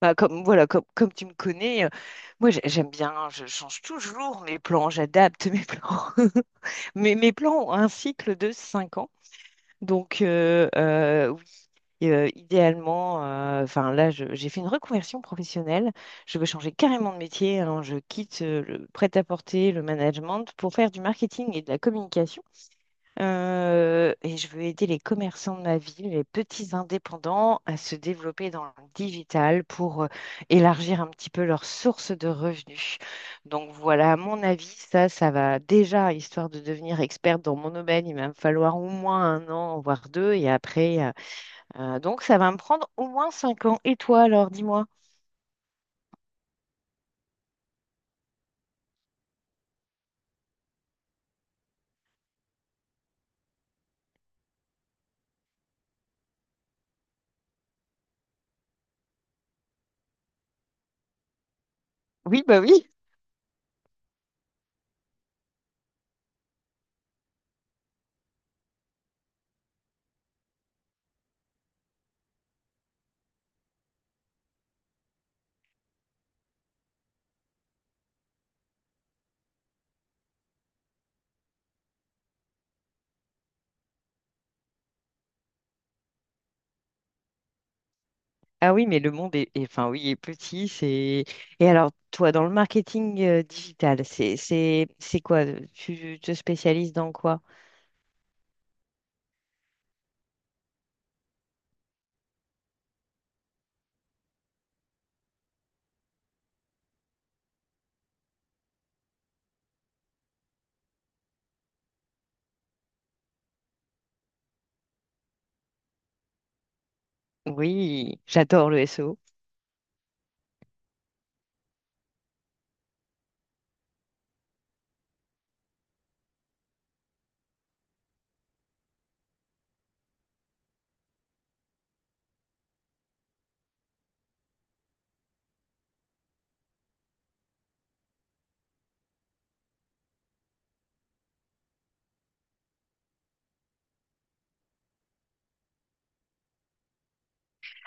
Bah, comme voilà, comme tu me connais, moi j'aime bien, je change toujours mes plans, j'adapte mes plans. Mes plans ont un cycle de 5 ans. Donc oui, idéalement, enfin là j'ai fait une reconversion professionnelle. Je veux changer carrément de métier, hein. Je quitte le prêt-à-porter, le management pour faire du marketing et de la communication. Et je veux aider les commerçants de ma ville, les petits indépendants, à se développer dans le digital pour élargir un petit peu leurs sources de revenus. Donc voilà, à mon avis, ça va déjà, histoire de devenir experte dans mon domaine, il va me falloir au moins un an, voire deux, et après, donc ça va me prendre au moins 5 ans. Et toi, alors, dis-moi. Oui, bah oui. Ah oui, mais le monde est, enfin oui, est petit. C'est. Et alors, toi, dans le marketing digital, c'est quoi? Tu te spécialises dans quoi? Oui, j'adore le SEO.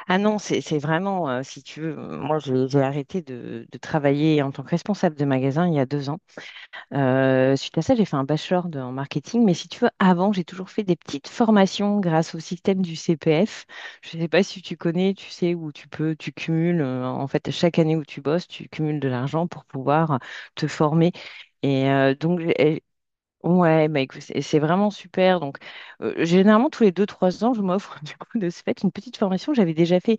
Ah non, c'est vraiment, si tu veux, moi, j'ai arrêté de travailler en tant que responsable de magasin il y a 2 ans. Suite à ça, j'ai fait un bachelor en marketing, mais si tu veux, avant, j'ai toujours fait des petites formations grâce au système du CPF. Je ne sais pas si tu connais, tu sais, où tu peux, tu cumules, en fait, chaque année où tu bosses, tu cumules de l'argent pour pouvoir te former. Et donc, ouais, bah, écoute, c'est vraiment super. Donc, généralement, tous les deux-trois ans, je m'offre, du coup, de ce fait, une petite formation. J'avais déjà fait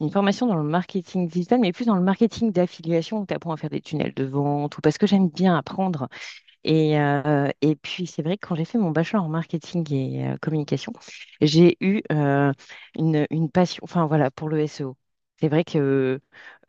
une formation dans le marketing digital, mais plus dans le marketing d'affiliation où tu apprends à faire des tunnels de vente ou parce que j'aime bien apprendre et puis, c'est vrai que quand j'ai fait mon bachelor en marketing et communication, j'ai eu une passion, enfin voilà, pour le SEO. C'est vrai que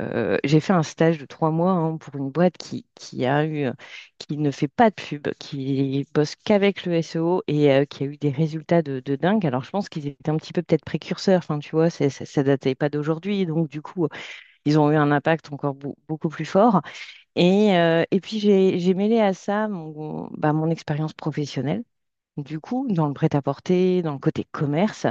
j'ai fait un stage de 3 mois, hein, pour une boîte qui a eu, qui ne fait pas de pub, qui bosse qu'avec le SEO et qui a eu des résultats de dingue. Alors, je pense qu'ils étaient un petit peu peut-être précurseurs, enfin, tu vois, ça, ça datait pas d'aujourd'hui. Donc, du coup, ils ont eu un impact encore beaucoup plus fort. Et puis j'ai mêlé à ça mon expérience professionnelle, du coup, dans le prêt-à-porter, dans le côté commerce.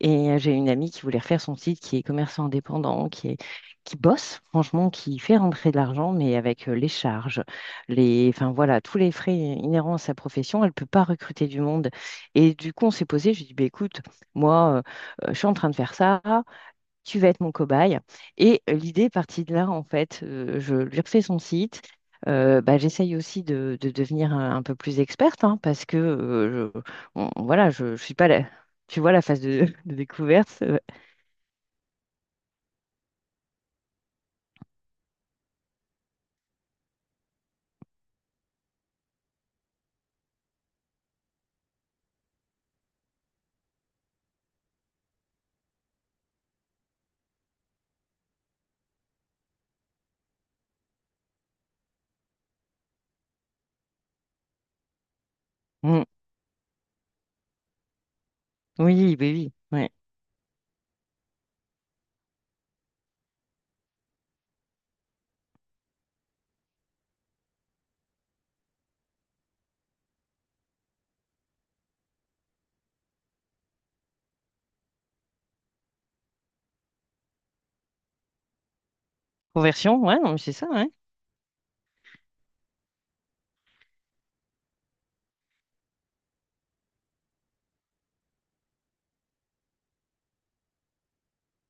Et j'ai une amie qui voulait refaire son site, qui est commerçant indépendant, qui bosse, franchement, qui fait rentrer de l'argent, mais avec les charges, enfin voilà, tous les frais inhérents à sa profession, elle ne peut pas recruter du monde. Et du coup, on s'est posé, j'ai dit, bah, écoute, moi, je suis en train de faire ça, tu vas être mon cobaye. Et l'idée est partie de là, en fait. Je lui refais son site. Bah, j'essaye aussi de devenir un peu plus experte, hein, parce que voilà, je suis pas là. Tu vois la phase de découverte. Mm. Oui, bah oui, ouais. Conversion, ouais, non, mais c'est ça, ouais.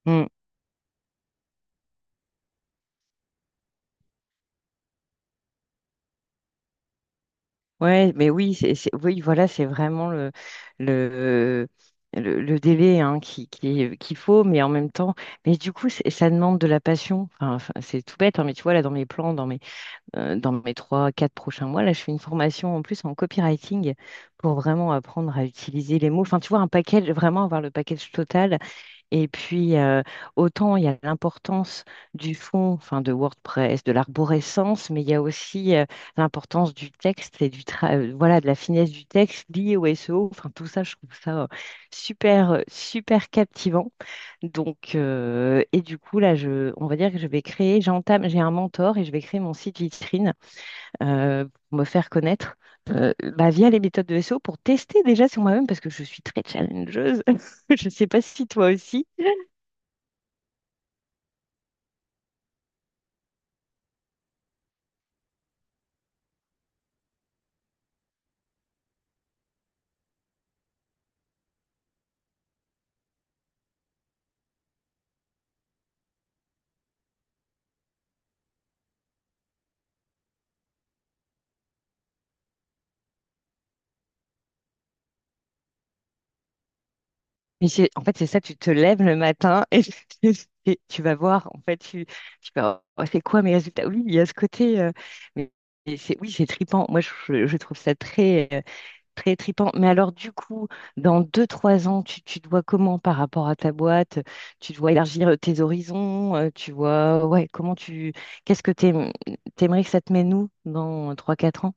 Mm. Ouais, mais oui, oui, voilà, c'est vraiment le, le délai, hein, qu'il faut, mais en même temps, mais du coup, ça demande de la passion. Enfin, c'est tout bête, hein, mais tu vois, là, dans mes plans, dans mes trois, quatre prochains mois. Là, je fais une formation en plus en copywriting pour vraiment apprendre à utiliser les mots. Enfin, tu vois, un package, vraiment avoir le package total. Et puis, autant il y a l'importance du fond, enfin, de WordPress, de l'arborescence, mais il y a aussi l'importance du texte et du voilà, de la finesse du texte liée au SEO. Enfin, tout ça, je trouve ça super, super captivant. Donc, et du coup, là, on va dire que je vais créer, j'entame, j'ai un mentor et je vais créer mon site vitrine pour me faire connaître, bah, via les méthodes de SEO pour tester déjà sur moi-même parce que je suis très challengeuse. Je ne sais pas si toi aussi. Mais en fait, c'est ça, tu te lèves le matin et et tu vas voir, en fait, tu fais, oh, c'est quoi mes résultats? Oui, il y a ce côté, mais mais c'est, oui, c'est trippant. Moi, je trouve ça très trippant. Mais alors, du coup, dans deux, trois ans, tu te vois comment par rapport à ta boîte? Tu te vois élargir tes horizons? Tu vois, ouais, qu'est-ce que t'aimerais que ça te mène où dans trois, quatre ans?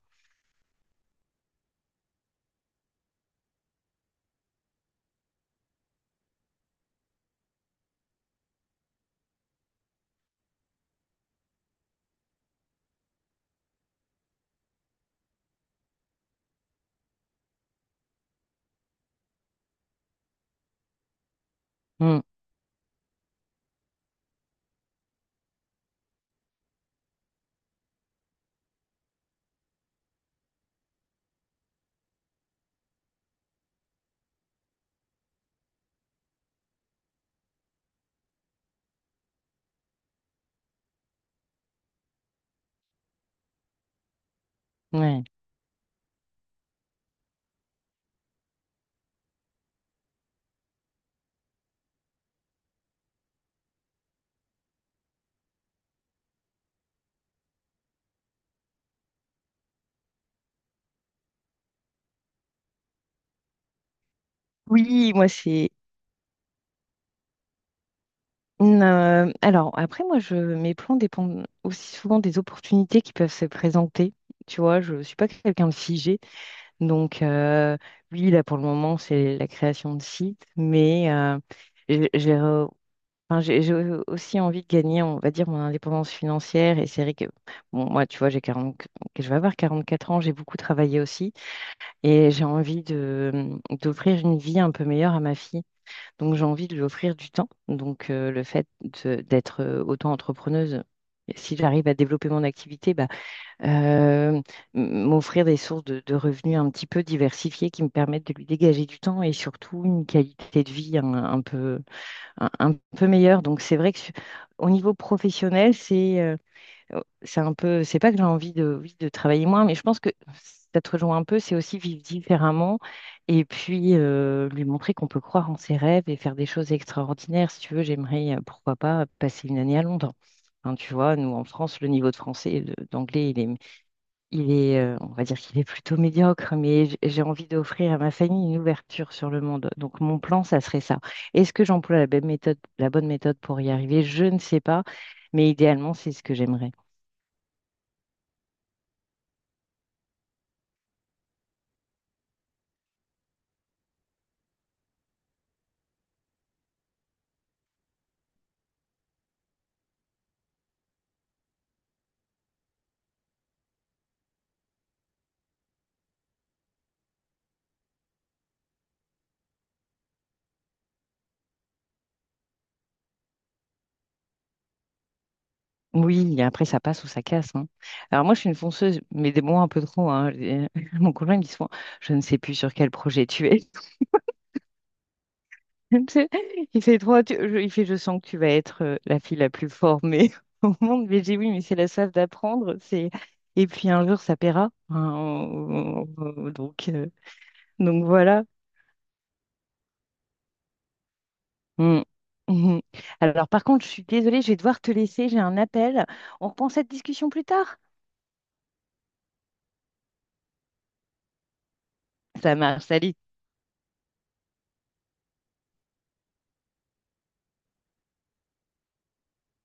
Hmm, ouais. Oui, moi, c'est. Alors, après, moi, mes plans dépendent aussi souvent des opportunités qui peuvent se présenter. Tu vois, je ne suis pas quelqu'un de figé. Donc, oui, là, pour le moment, c'est la création de sites. Mais j'ai enfin, j'ai aussi envie de gagner, on va dire, mon indépendance financière. Et c'est vrai que, bon, moi, tu vois, j'ai 40, je vais avoir 44 ans, j'ai beaucoup travaillé aussi. Et j'ai envie d'offrir une vie un peu meilleure à ma fille. Donc, j'ai envie de lui offrir du temps. Donc, le fait d'être auto-entrepreneuse, si j'arrive à développer mon activité, bah, euh, m'offrir des sources de revenus un petit peu diversifiées qui me permettent de lui dégager du temps et surtout une qualité de vie un peu meilleur. Donc c'est vrai que au niveau professionnel, c'est un peu, c'est pas que j'ai envie de, oui, de travailler moins, mais je pense que ça te rejoint un peu, c'est aussi vivre différemment et puis lui montrer qu'on peut croire en ses rêves et faire des choses extraordinaires. Si tu veux, j'aimerais, pourquoi pas, passer une année à Londres. Hein, tu vois, nous en France, le niveau de français et d'anglais, on va dire qu'il est plutôt médiocre, mais j'ai envie d'offrir à ma famille une ouverture sur le monde. Donc mon plan, ça serait ça. Est-ce que j'emploie la bonne méthode pour y arriver? Je ne sais pas, mais idéalement, c'est ce que j'aimerais. Oui, et après, ça passe ou ça casse, hein. Alors moi, je suis une fonceuse, mais des mots un peu trop, hein. Mon conjoint, il me dit souvent, je ne sais plus sur quel projet tu es. Tu sais, il fait trois, il fait, je sens que tu vas être la fille la plus formée au monde. Mais j'ai dit, oui, mais c'est la soif d'apprendre. C'est Et puis un jour ça paiera, hein, euh, donc euh, donc voilà. Mm. Mhm. Alors par contre, je suis désolée, je vais devoir te laisser. J'ai un appel. On reprend cette discussion plus tard. Ça marche. Salut.